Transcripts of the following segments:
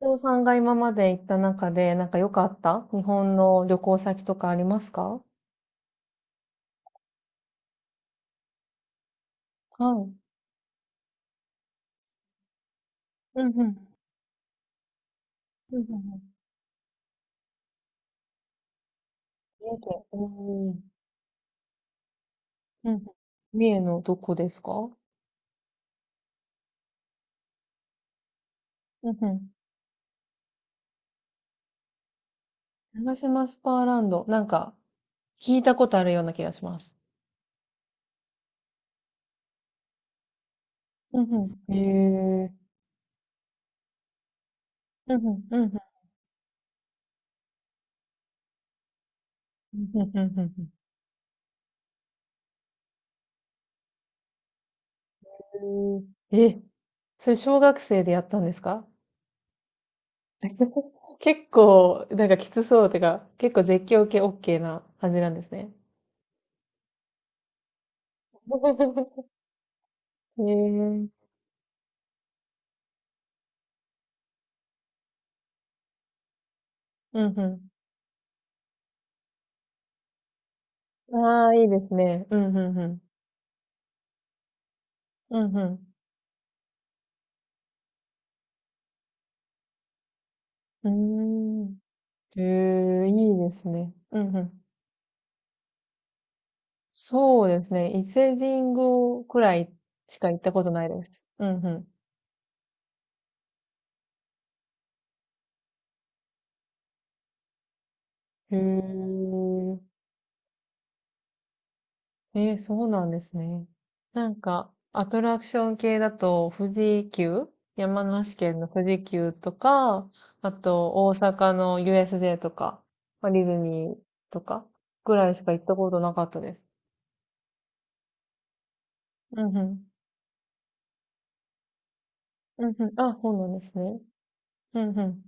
瀬尾さんが今まで行った中で、なんか良かった日本の旅行先とかありますか？はい。うんうん。うんうんうん。三重県。うん。うん。三重のどこですか？うんうん。長島スパーランド。なんか、聞いたことあるような気がします。うんうん。へえ。うんうんうんうん。うんうんうんうん。へえ。え、それ小学生でやったんですか？ 結構、なんかきつそうてか、結構絶叫系 OK な感じなんですね。へえ。うんうん。ああ、いいですね。うんうんうん。うんうん。うーん。へえ、いいですね。うんうん。そうですね。伊勢神宮くらいしか行ったことないです。うんうん。へえ。えー、そうなんですね。なんか、アトラクション系だと、富士急、山梨県の富士急とか、あと、大阪の USJ とか、まあディズニーとか、ぐらいしか行ったことなかったです。うんうん。うんうん。あ、そうなんですね。うんうん。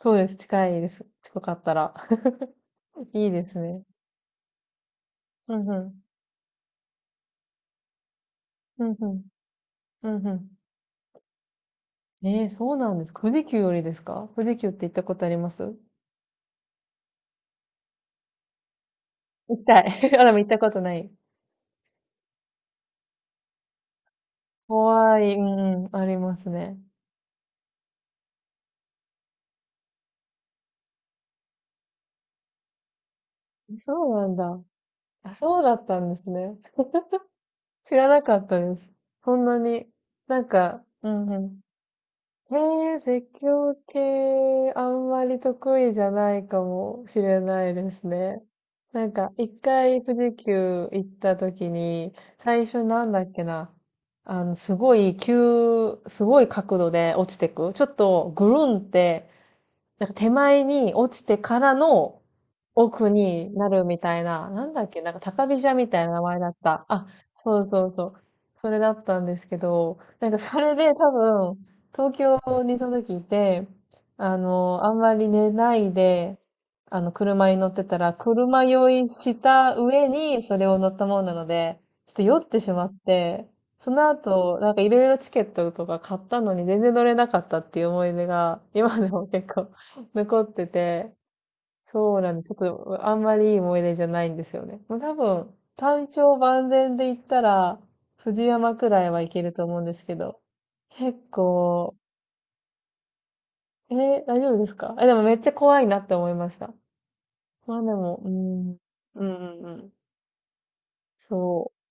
そうです。近いです。近かったら。いいですね。うんうん。うんうん。うんうん。ええ、そうなんです。富士急よりですか？富士急って行ったことあります？行きたい。あ、でも行ったことない。怖い。うんうん。ありますね。そうなんだ。あ、そうだったんですね。知らなかったです。そんなに、なんか、うんうん。へえー、絶叫系、あんまり得意じゃないかもしれないですね。なんか、一回富士急行った時に、最初なんだっけな。あの、すごい急、すごい角度で落ちてく。ちょっとぐるんって、なんか手前に落ちてからの奥になるみたいな、なんだっけ、なんか高飛車みたいな名前だった。あ、そうそうそう。それだったんですけど、なんかそれで多分、東京にその時いて、あの、あんまり寝ないで、あの、車に乗ってたら、車酔いした上にそれを乗ったもんなので、ちょっと酔ってしまって、その後、なんかいろいろチケットとか買ったのに全然乗れなかったっていう思い出が、今でも結構残ってて、そうなんです、ちょっとあんまりいい思い出じゃないんですよね。もう多分、単調万全で言ったら、藤山くらいはいけると思うんですけど、結構、えー大丈夫ですか？え、でもめっちゃ怖いなって思いました。まあでも、うん、うん、うんうん。そう。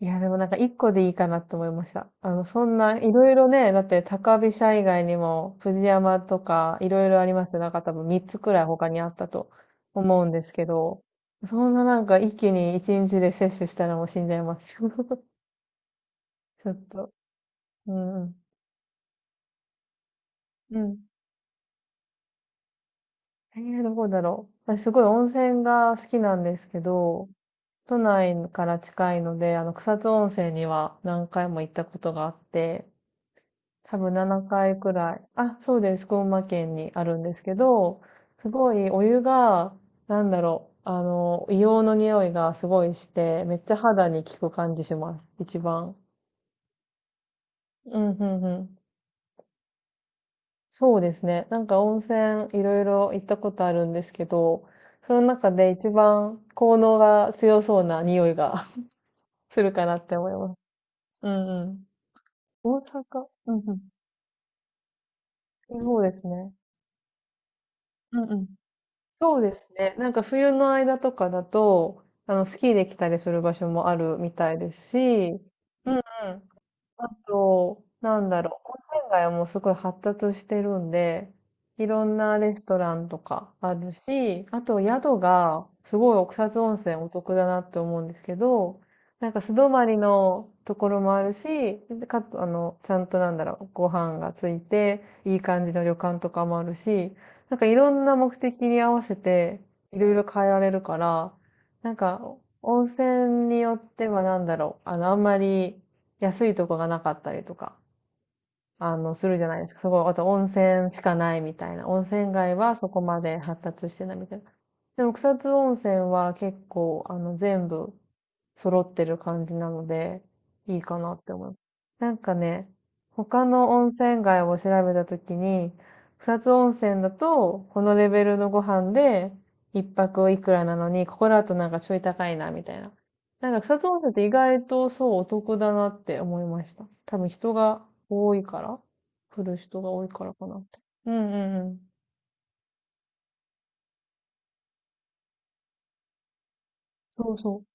いや、でもなんか一個でいいかなと思いました。あの、そんな、いろいろね、だって高飛車以外にも、藤山とか、いろいろあります、なんか多分3つくらい他にあったと思うんですけど、そんななんか一気に1日で摂取したらもう死んじゃいます。ちょっと。うんうん。うん。えー、どこだろう。私すごい温泉が好きなんですけど、都内から近いので、あの、草津温泉には何回も行ったことがあって、多分7回くらい。あ、そうです。群馬県にあるんですけど、すごいお湯が、なんだろう、あの、硫黄の匂いがすごいして、めっちゃ肌に効く感じします。一番。うん、うん、うん。そうですね。なんか温泉いろいろ行ったことあるんですけど、その中で一番効能が強そうな匂いが するかなって思います。うんうん。大阪、うんうん。そうですね。うんうん。そうですね。なんか冬の間とかだと、あの、スキーできたりする場所もあるみたいですし、うんうん。あと、なんだろう、温泉街はもうすごい発達してるんで、いろんなレストランとかあるし、あと宿が、すごい奥津温泉お得だなって思うんですけど、なんか素泊まりのところもあるし、かと、あの、ちゃんとなんだろう、ご飯がついて、いい感じの旅館とかもあるし、なんかいろんな目的に合わせて、いろいろ変えられるから、なんか、温泉によってはなんだろう、あの、あんまり、安いとこがなかったりとか、あの、するじゃないですか。そこ、あと温泉しかないみたいな。温泉街はそこまで発達してないみたいな。でも草津温泉は結構、あの、全部揃ってる感じなので、いいかなって思う。なんかね、他の温泉街を調べたときに、草津温泉だと、このレベルのご飯で、一泊いくらなのに、ここだとなんかちょい高いな、みたいな。なんか草津温泉って意外とそうお得だなって思いました。多分人が多いから、来る人が多いからかなって。うんうんうん。そうそう。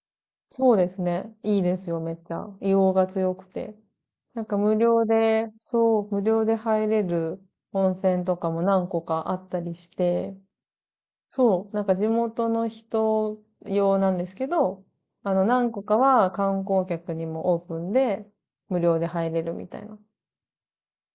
そうですね。いいですよ、めっちゃ。硫黄が強くて。なんか無料で、そう、無料で入れる温泉とかも何個かあったりして、そう、なんか地元の人用なんですけど、あの何個かは観光客にもオープンで無料で入れるみたいな。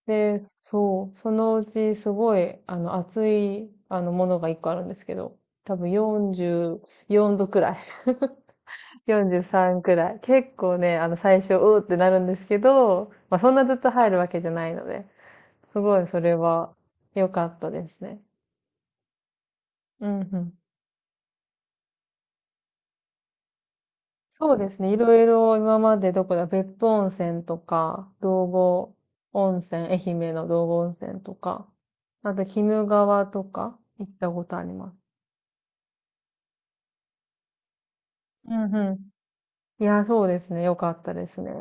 で、そう、そのうちすごい、あの、熱い、あの、ものが一個あるんですけど、多分44度くらい、43くらい。結構ね、あの、最初、うーってなるんですけど、まあ、そんなずっと入るわけじゃないので、すごいそれは良かったですね。うんうん。そうですね、いろいろ今までどこだ、別府温泉とか、道後温泉、愛媛の道後温泉とか、あと、鬼怒川とか行ったことあります。うんうん。いや、そうですね。よかったですね。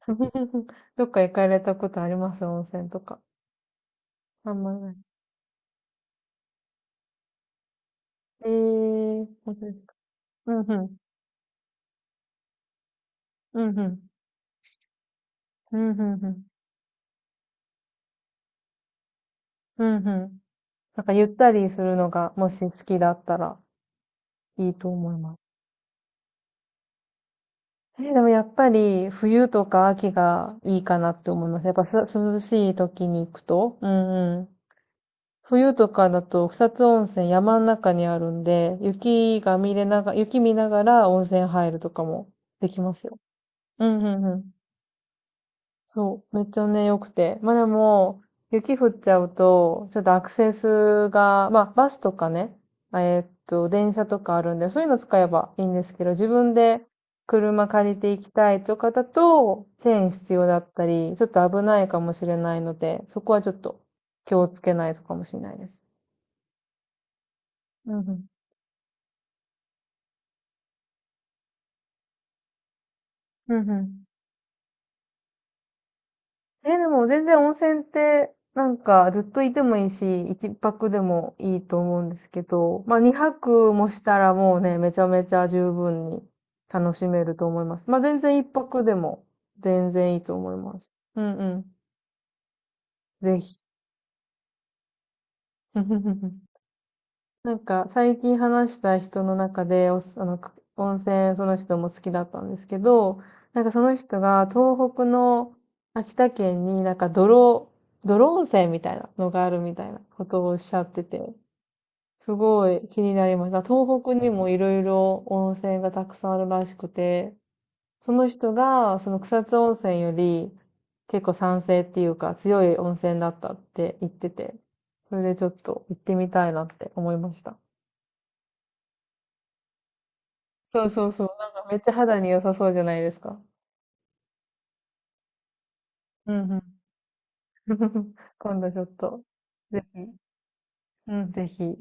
どっか行かれたことあります？温泉とか。あんまない。ええー、本当ですか。うんうん。うんうん。うんうんうん。うんうん。なんかゆったりするのがもし好きだったらいいと思います。えーでもやっぱり冬とか秋がいいかなって思います。やっぱす涼しい時に行くと。うんうん。冬とかだと草津温泉山の中にあるんで、雪が見れなが、雪見ながら温泉入るとかもできますよ。うんうんうん。そう。めっちゃね、良くて。まあでも、雪降っちゃうと、ちょっとアクセスが、まあバスとかね、電車とかあるんで、そういうの使えばいいんですけど、自分で車借りて行きたいとかだと、チェーン必要だったり、ちょっと危ないかもしれないので、そこはちょっと気をつけないとかもしれないです。うんうんうんうん。え、でも全然温泉って、なんかずっといてもいいし、一泊でもいいと思うんですけど、まあ二泊もしたらもうね、めちゃめちゃ十分に楽しめると思います。まあ全然一泊でも全然いいと思います。うんうん。ぜひ。なんか最近話した人の中でおす、あの、く温泉その人も好きだったんですけど、なんかその人が東北の秋田県になんか泥、泥温泉みたいなのがあるみたいなことをおっしゃってて、すごい気になりました。東北にもいろいろ温泉がたくさんあるらしくて、その人がその草津温泉より結構酸性っていうか強い温泉だったって言ってて、それでちょっと行ってみたいなって思いました。そうそうそう。なんかめっちゃ肌に良さそうじゃないですか。うんうん。今度ちょっと、ぜひ、うん、ぜひ。